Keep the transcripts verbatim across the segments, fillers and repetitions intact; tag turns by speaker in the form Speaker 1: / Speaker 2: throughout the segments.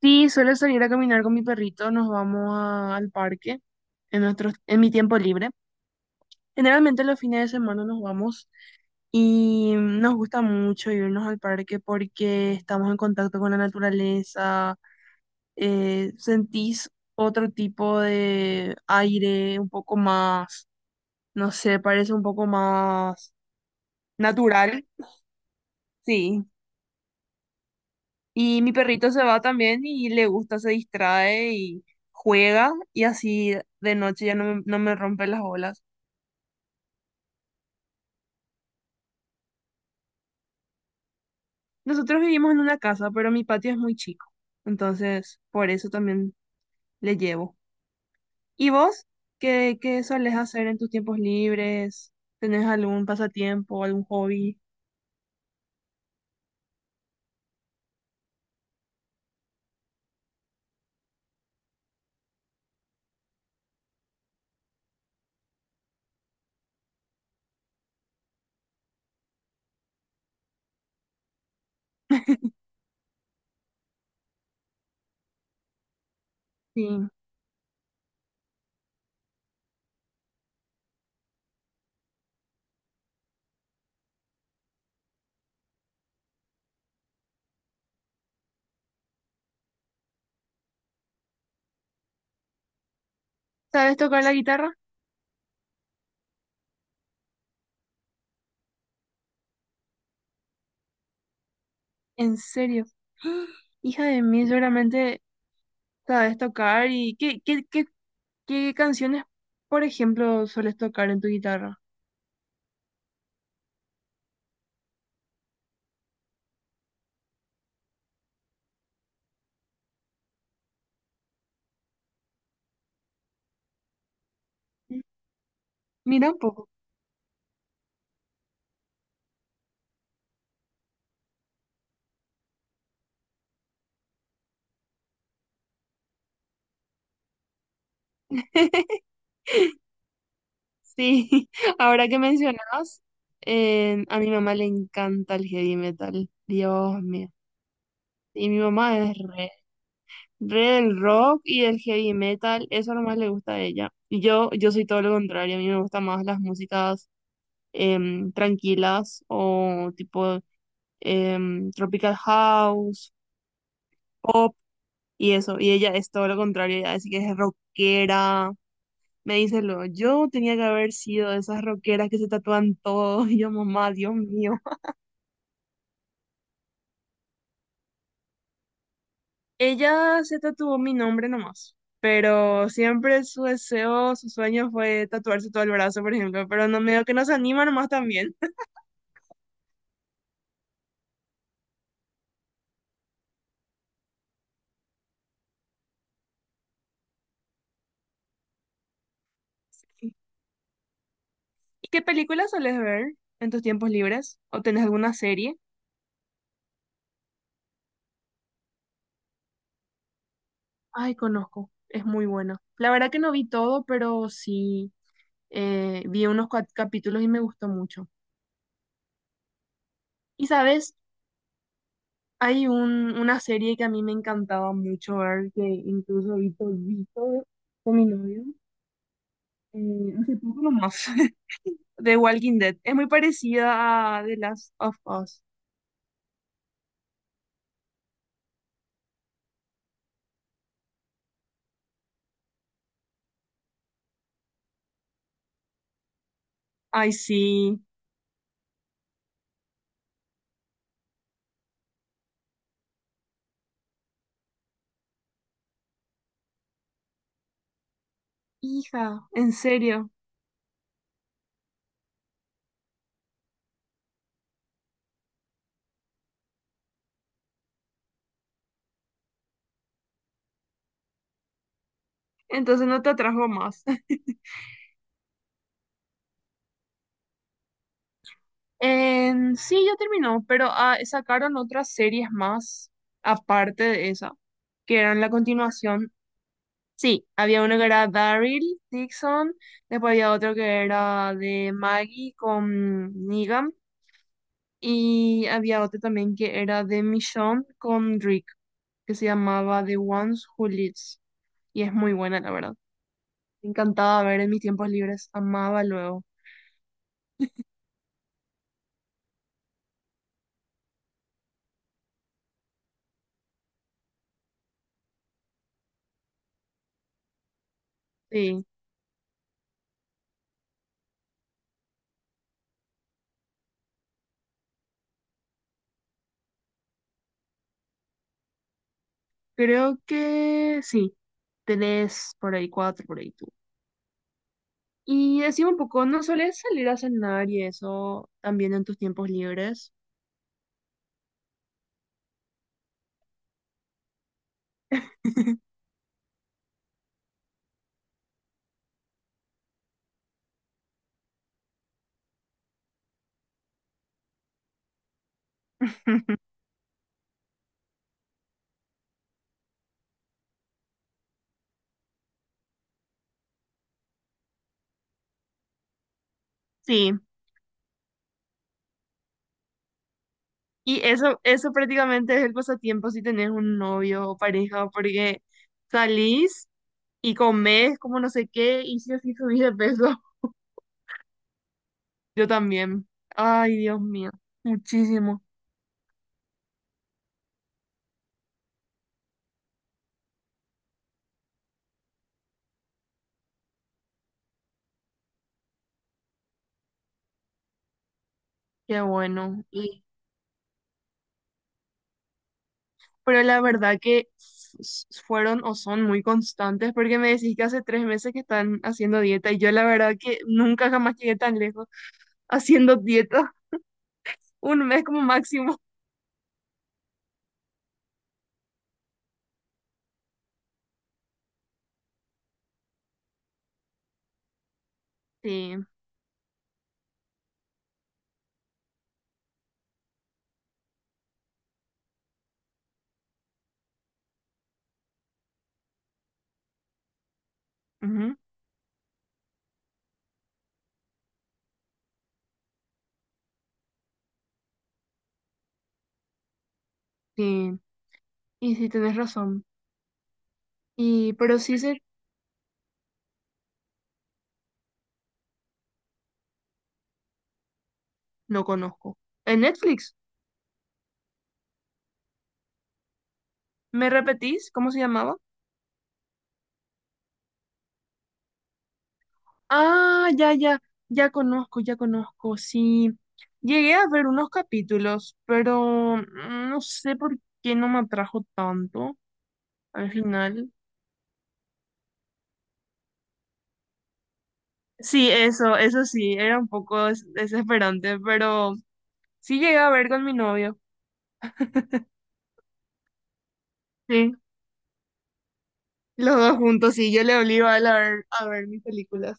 Speaker 1: Sí, suelo salir a caminar con mi perrito, nos vamos a- al parque en nuestros, en mi tiempo libre. Generalmente los fines de semana nos vamos y nos gusta mucho irnos al parque porque estamos en contacto con la naturaleza, eh, sentís otro tipo de aire, un poco más, no sé, parece un poco más natural. Sí. Y mi perrito se va también y le gusta, se distrae y juega y así de noche ya no me, no me rompe las bolas. Nosotros vivimos en una casa, pero mi patio es muy chico, entonces por eso también le llevo. ¿Y vos? ¿Qué, qué solés hacer en tus tiempos libres? ¿Tenés algún pasatiempo, algún hobby? Sí. ¿Sabes tocar la guitarra? ¿En serio? Hija de mí, seguramente sabes tocar y qué, qué, qué, qué canciones, por ejemplo, ¿sueles tocar en tu guitarra? Mira un poco. Sí, ahora que mencionas, eh, a mi mamá le encanta el heavy metal. Dios mío. Y mi mamá es re, re del rock y del heavy metal. Eso es lo más le gusta a ella. Y yo, yo soy todo lo contrario. A mí me gustan más las músicas. Em, tranquilas o tipo em, Tropical House, pop y eso. Y ella es todo lo contrario, ella dice que es rockera. Me dice luego, yo tenía que haber sido de esas rockeras que se tatúan todo. Y yo, mamá, Dios mío. Ella se tatuó mi nombre nomás. Pero siempre su deseo, su sueño fue tatuarse todo el brazo, por ejemplo. Pero no medio que no se anima nomás también. ¿Y qué películas sueles ver en tus tiempos libres? ¿O tenés alguna serie? Ay, conozco, es muy bueno. La verdad que no vi todo, pero sí eh, vi unos cua- capítulos y me gustó mucho. Y sabes, hay un, una serie que a mí me encantaba mucho ver, que incluso vi todito con mi novio, eh, hace poco nomás, de Walking Dead. Es muy parecida a The Last of Us. Ay, sí, hija, en serio. Entonces no te atrajo más. En- sí, ya terminó, pero ah, sacaron otras series más aparte de esa, que eran la continuación. Sí, había uno que era Daryl Dixon, después había otro que era de Maggie con Negan, y había otro también que era de Michonne con Rick, que se llamaba The Ones Who Lives, y es muy buena, la verdad. Me encantaba ver en mis tiempos libres, amaba luego. Sí, creo que sí, tres por ahí, cuatro por ahí. Y decime un poco, ¿no sueles salir a cenar y eso también en tus tiempos libres? Sí, y eso, eso prácticamente es el pasatiempo si tenés un novio o pareja, porque salís y comés como no sé qué, y si así subís de peso, yo también. Ay, Dios mío, muchísimo, qué bueno. Y, pero la verdad que s- fueron o son muy constantes, porque me decís que hace tres meses que están haciendo dieta, y yo la verdad que nunca jamás llegué tan lejos. Haciendo dieta, un mes como máximo. Sí, ujú, sí, y sí, tenés razón. Y, pero Caesar, no conozco. En Netflix, ¿me repetís cómo se llamaba? Ah, ya, ya, ya conozco, ya conozco, sí. Llegué a ver unos capítulos, pero mm, no sé por qué no me atrajo tanto al final. Sí, eso, eso sí, era un poco des- desesperante, pero sí llegué a ver con mi novio. Sí. Los dos juntos, sí, yo le obligo a él a ver, a ver mis películas.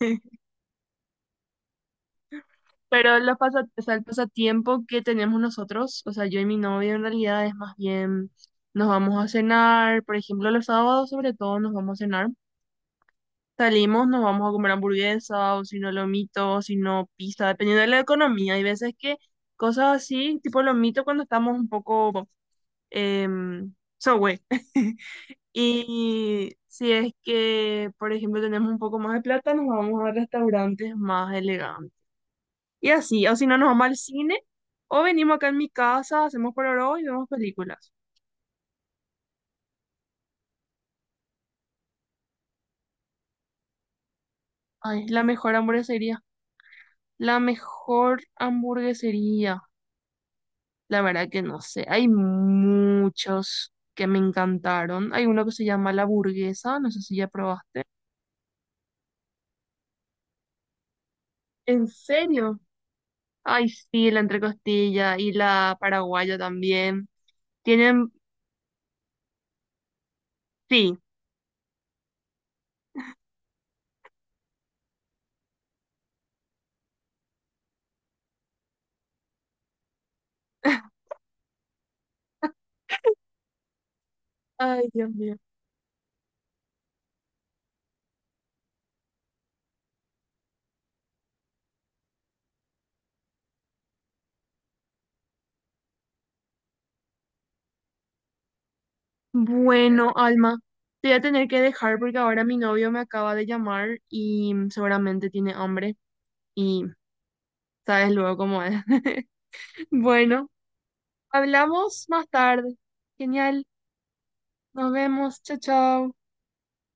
Speaker 1: Pero los pasa, o sea, el pasatiempo que tenemos nosotros, o sea, yo y mi novio en realidad es más bien, nos vamos a cenar, por ejemplo, los sábados sobre todo nos vamos a cenar, salimos, nos vamos a comer hamburguesa, o si no lomito, o si no pizza, dependiendo de la economía. Hay veces que cosas así, tipo lomito cuando estamos un poco, eh, Subway. Y si es que, por ejemplo, tenemos un poco más de plata, nos vamos a restaurantes más elegantes. Y así, o si no, nos vamos al cine o venimos acá en mi casa, hacemos pororó y vemos películas. Ay, la mejor hamburguesería. La mejor hamburguesería. La verdad que no sé. Hay muchos que me encantaron. Hay uno que se llama La Burguesa, no sé si ya probaste. ¿En serio? Ay, sí, la entrecostilla y la paraguaya también. Tienen, sí. Ay, Dios mío. Bueno, Alma, te voy a tener que dejar porque ahora mi novio me acaba de llamar y seguramente tiene hambre y sabes luego cómo es. Bueno, hablamos más tarde. Genial. Nos vemos. Chao, chao.